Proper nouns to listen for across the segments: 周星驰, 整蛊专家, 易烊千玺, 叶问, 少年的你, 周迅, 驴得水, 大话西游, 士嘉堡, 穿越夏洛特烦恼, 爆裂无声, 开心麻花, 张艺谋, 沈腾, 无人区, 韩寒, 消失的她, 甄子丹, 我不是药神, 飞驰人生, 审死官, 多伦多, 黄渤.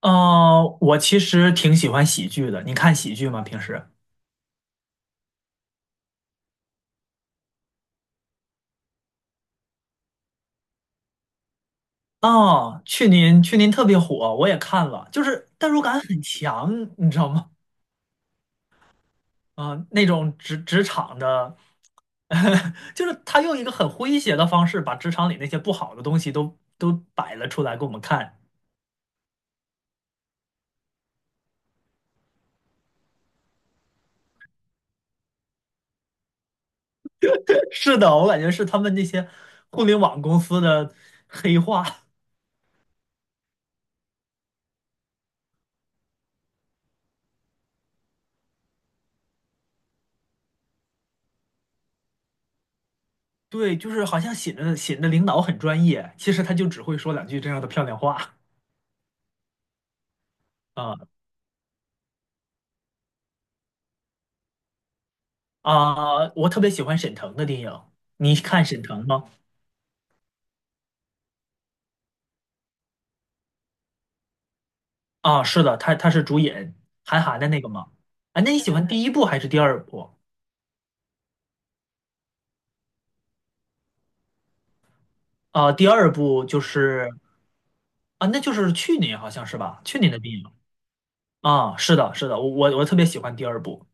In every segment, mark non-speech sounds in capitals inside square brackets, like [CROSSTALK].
我其实挺喜欢喜剧的。你看喜剧吗？平时？哦，去年特别火，我也看了，就是代入感很强，你知道吗？那种职场的。[LAUGHS] 就是他用一个很诙谐的方式，把职场里那些不好的东西都摆了出来给我们看。[LAUGHS] 是的，我感觉是他们那些互联网公司的黑话。对，就是好像显得领导很专业，其实他就只会说两句这样的漂亮话啊。我特别喜欢沈腾的电影，你看沈腾吗？啊，是的，他是主演韩寒的那个吗？啊，那你喜欢第一部还是第二部？啊，第二部就是啊，那就是去年好像是吧？去年的电影啊，是的，是的，我特别喜欢第二部。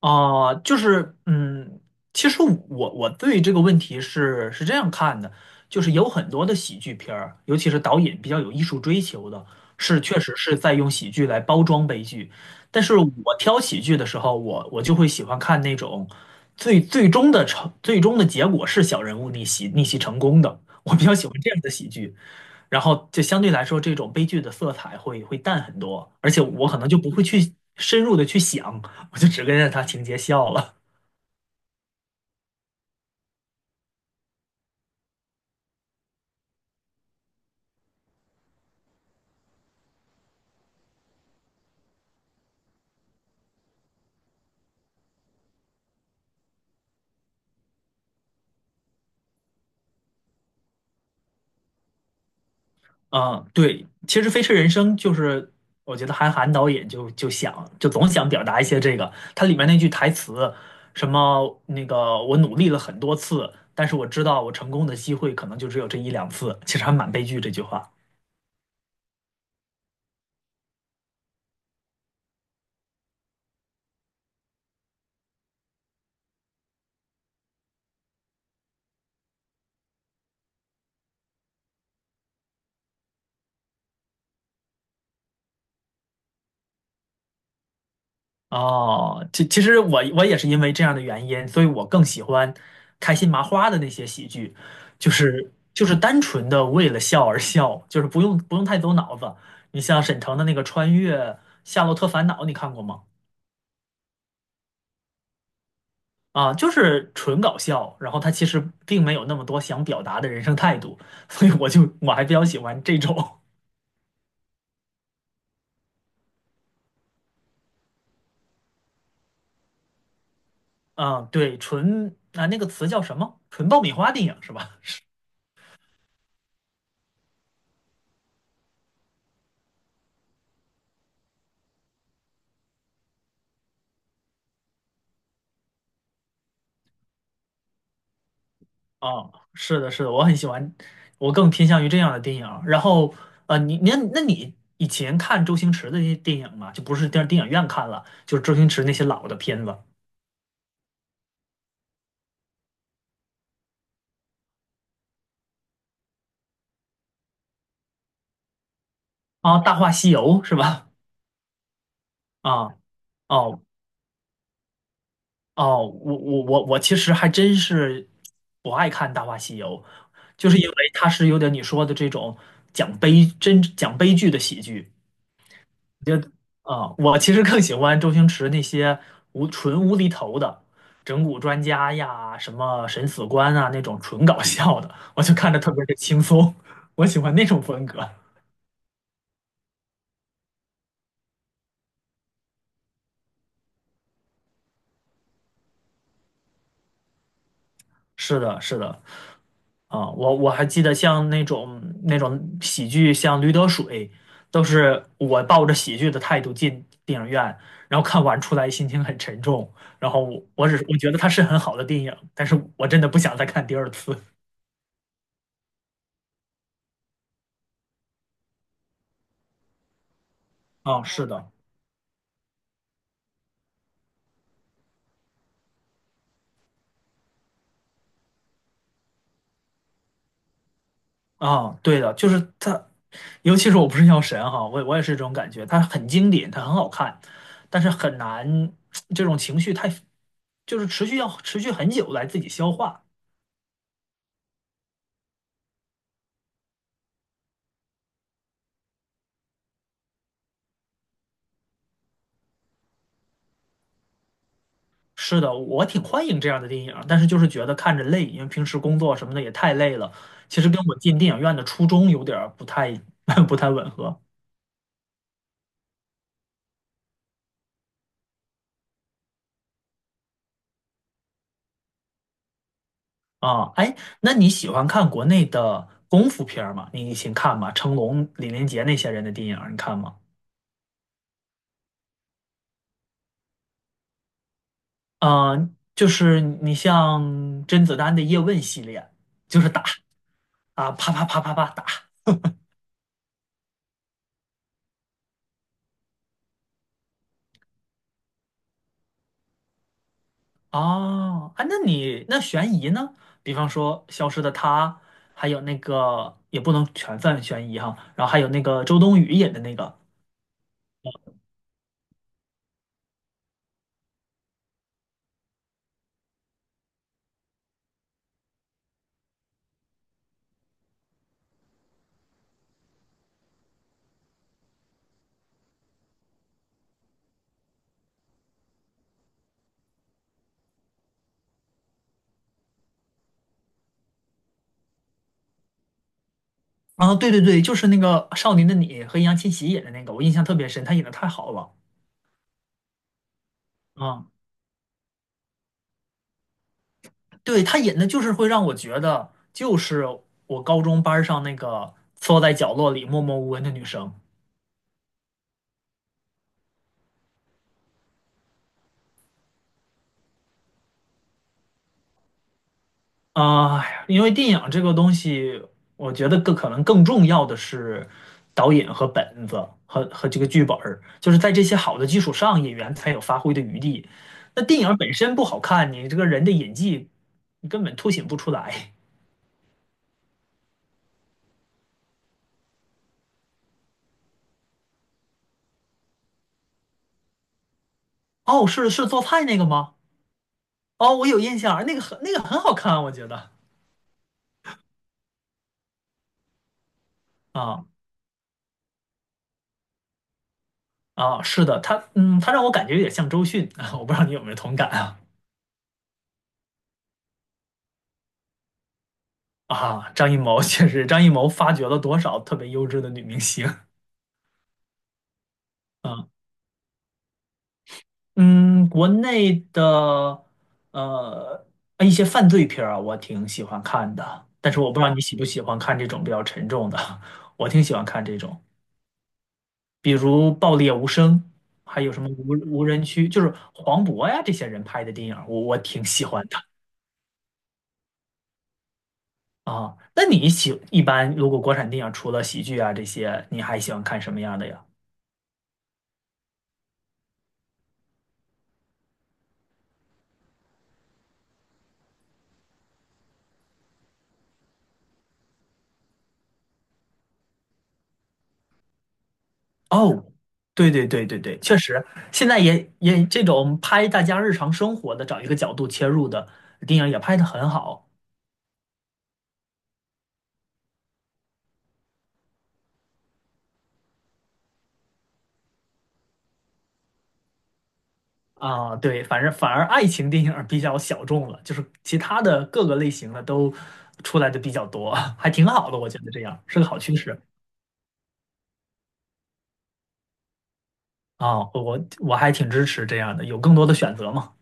就是嗯，其实我对这个问题是这样看的，就是有很多的喜剧片儿，尤其是导演比较有艺术追求的，是确实是在用喜剧来包装悲剧。但是我挑喜剧的时候，我就会喜欢看那种最终的结果是小人物逆袭成功的，我比较喜欢这样的喜剧。然后就相对来说，这种悲剧的色彩会淡很多，而且我可能就不会去深入的去想，我就只跟着他情节笑了。嗯，对，其实《飞驰人生》就是我觉得韩寒导演就就想就总想表达一些这个，它里面那句台词，什么那个我努力了很多次，但是我知道我成功的机会可能就只有这一两次，其实还蛮悲剧这句话。哦，其实我也是因为这样的原因，所以我更喜欢开心麻花的那些喜剧，就是单纯的为了笑而笑，就是不用太走脑子。你像沈腾的那个《穿越夏洛特烦恼》，你看过吗？啊，就是纯搞笑，然后他其实并没有那么多想表达的人生态度，[LAUGHS] 所以我就我还比较喜欢这种，[LAUGHS] 嗯，对，纯啊那个词叫什么？纯爆米花电影是吧？哦，是的，是的，我很喜欢，我更偏向于这样的电影儿然后，你那你以前看周星驰的那些电影嘛，就不是电影院看了，就是周星驰那些老的片子啊，《大话西游》是吧？啊，哦哦，我其实还真是不爱看《大话西游》，就是因为它是有点你说的这种讲悲剧的喜剧。觉得啊，我其实更喜欢周星驰那些无厘头的整蛊专家呀，什么审死官啊那种纯搞笑的，我就看着特别的轻松，我喜欢那种风格。是的，是的，啊，我我还记得像那种喜剧，像《驴得水》，都是我抱着喜剧的态度进电影院，然后看完出来心情很沉重，然后我只是我觉得它是很好的电影，但是我真的不想再看第二次。[LAUGHS] 啊，是的。啊，对的，就是它，尤其是我不是药神哈，我也是这种感觉，它很经典，它很好看，但是很难，这种情绪太，就是要持续很久来自己消化。是的，我挺欢迎这样的电影，但是就是觉得看着累，因为平时工作什么的也太累了。其实跟我进电影院的初衷有点儿不太 [LAUGHS] 不太吻合啊。哎，那你喜欢看国内的功夫片儿吗？你以前看吗？成龙、李连杰那些人的电影儿你看吗？嗯、就是你像甄子丹的叶问系列，就是打啊，啪啪啪啪啪打哦，啊，那你那悬疑呢？比方说《消失的她》，还有那个也不能全算悬疑哈，然后还有那个周冬雨演的那个啊，对对对，就是那个《少年的你》和易烊千玺演的那个，我印象特别深，他演的太好了啊，对他演的就是会让我觉得，就是我高中班儿上那个缩在角落里默默无闻的女生。啊，因为电影这个东西，我觉得更可能更重要的是导演和本子和这个剧本儿，就是在这些好的基础上，演员才有发挥的余地。那电影本身不好看，你这个人的演技，你根本凸显不出来。哦，是是做菜那个吗？哦，我有印象，那个很好看，我觉得啊是的，他嗯，他让我感觉有点像周迅啊，[LAUGHS] 我不知道你有没有同感啊啊，张艺谋确实，张艺谋发掘了多少特别优质的女明星。啊。嗯，国内的呃一些犯罪片儿啊，我挺喜欢看的，但是我不知道你喜不喜欢看这种比较沉重的，[LAUGHS] 我挺喜欢看这种，比如《爆裂无声》，还有什么无人区，就是黄渤呀这些人拍的电影儿我挺喜欢的啊。那你喜一般如果国产电影除了喜剧啊这些，你还喜欢看什么样的呀？哦，对对对对对，确实，现在也这种拍大家日常生活的，找一个角度切入的电影也拍的很好啊。对，反正反而爱情电影比较小众了，就是其他的各个类型的都出来的比较多，[LAUGHS] 还挺好的，我觉得这样是个好趋势啊。我还挺支持这样的，有更多的选择嘛。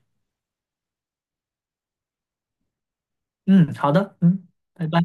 嗯，好的，嗯，拜拜。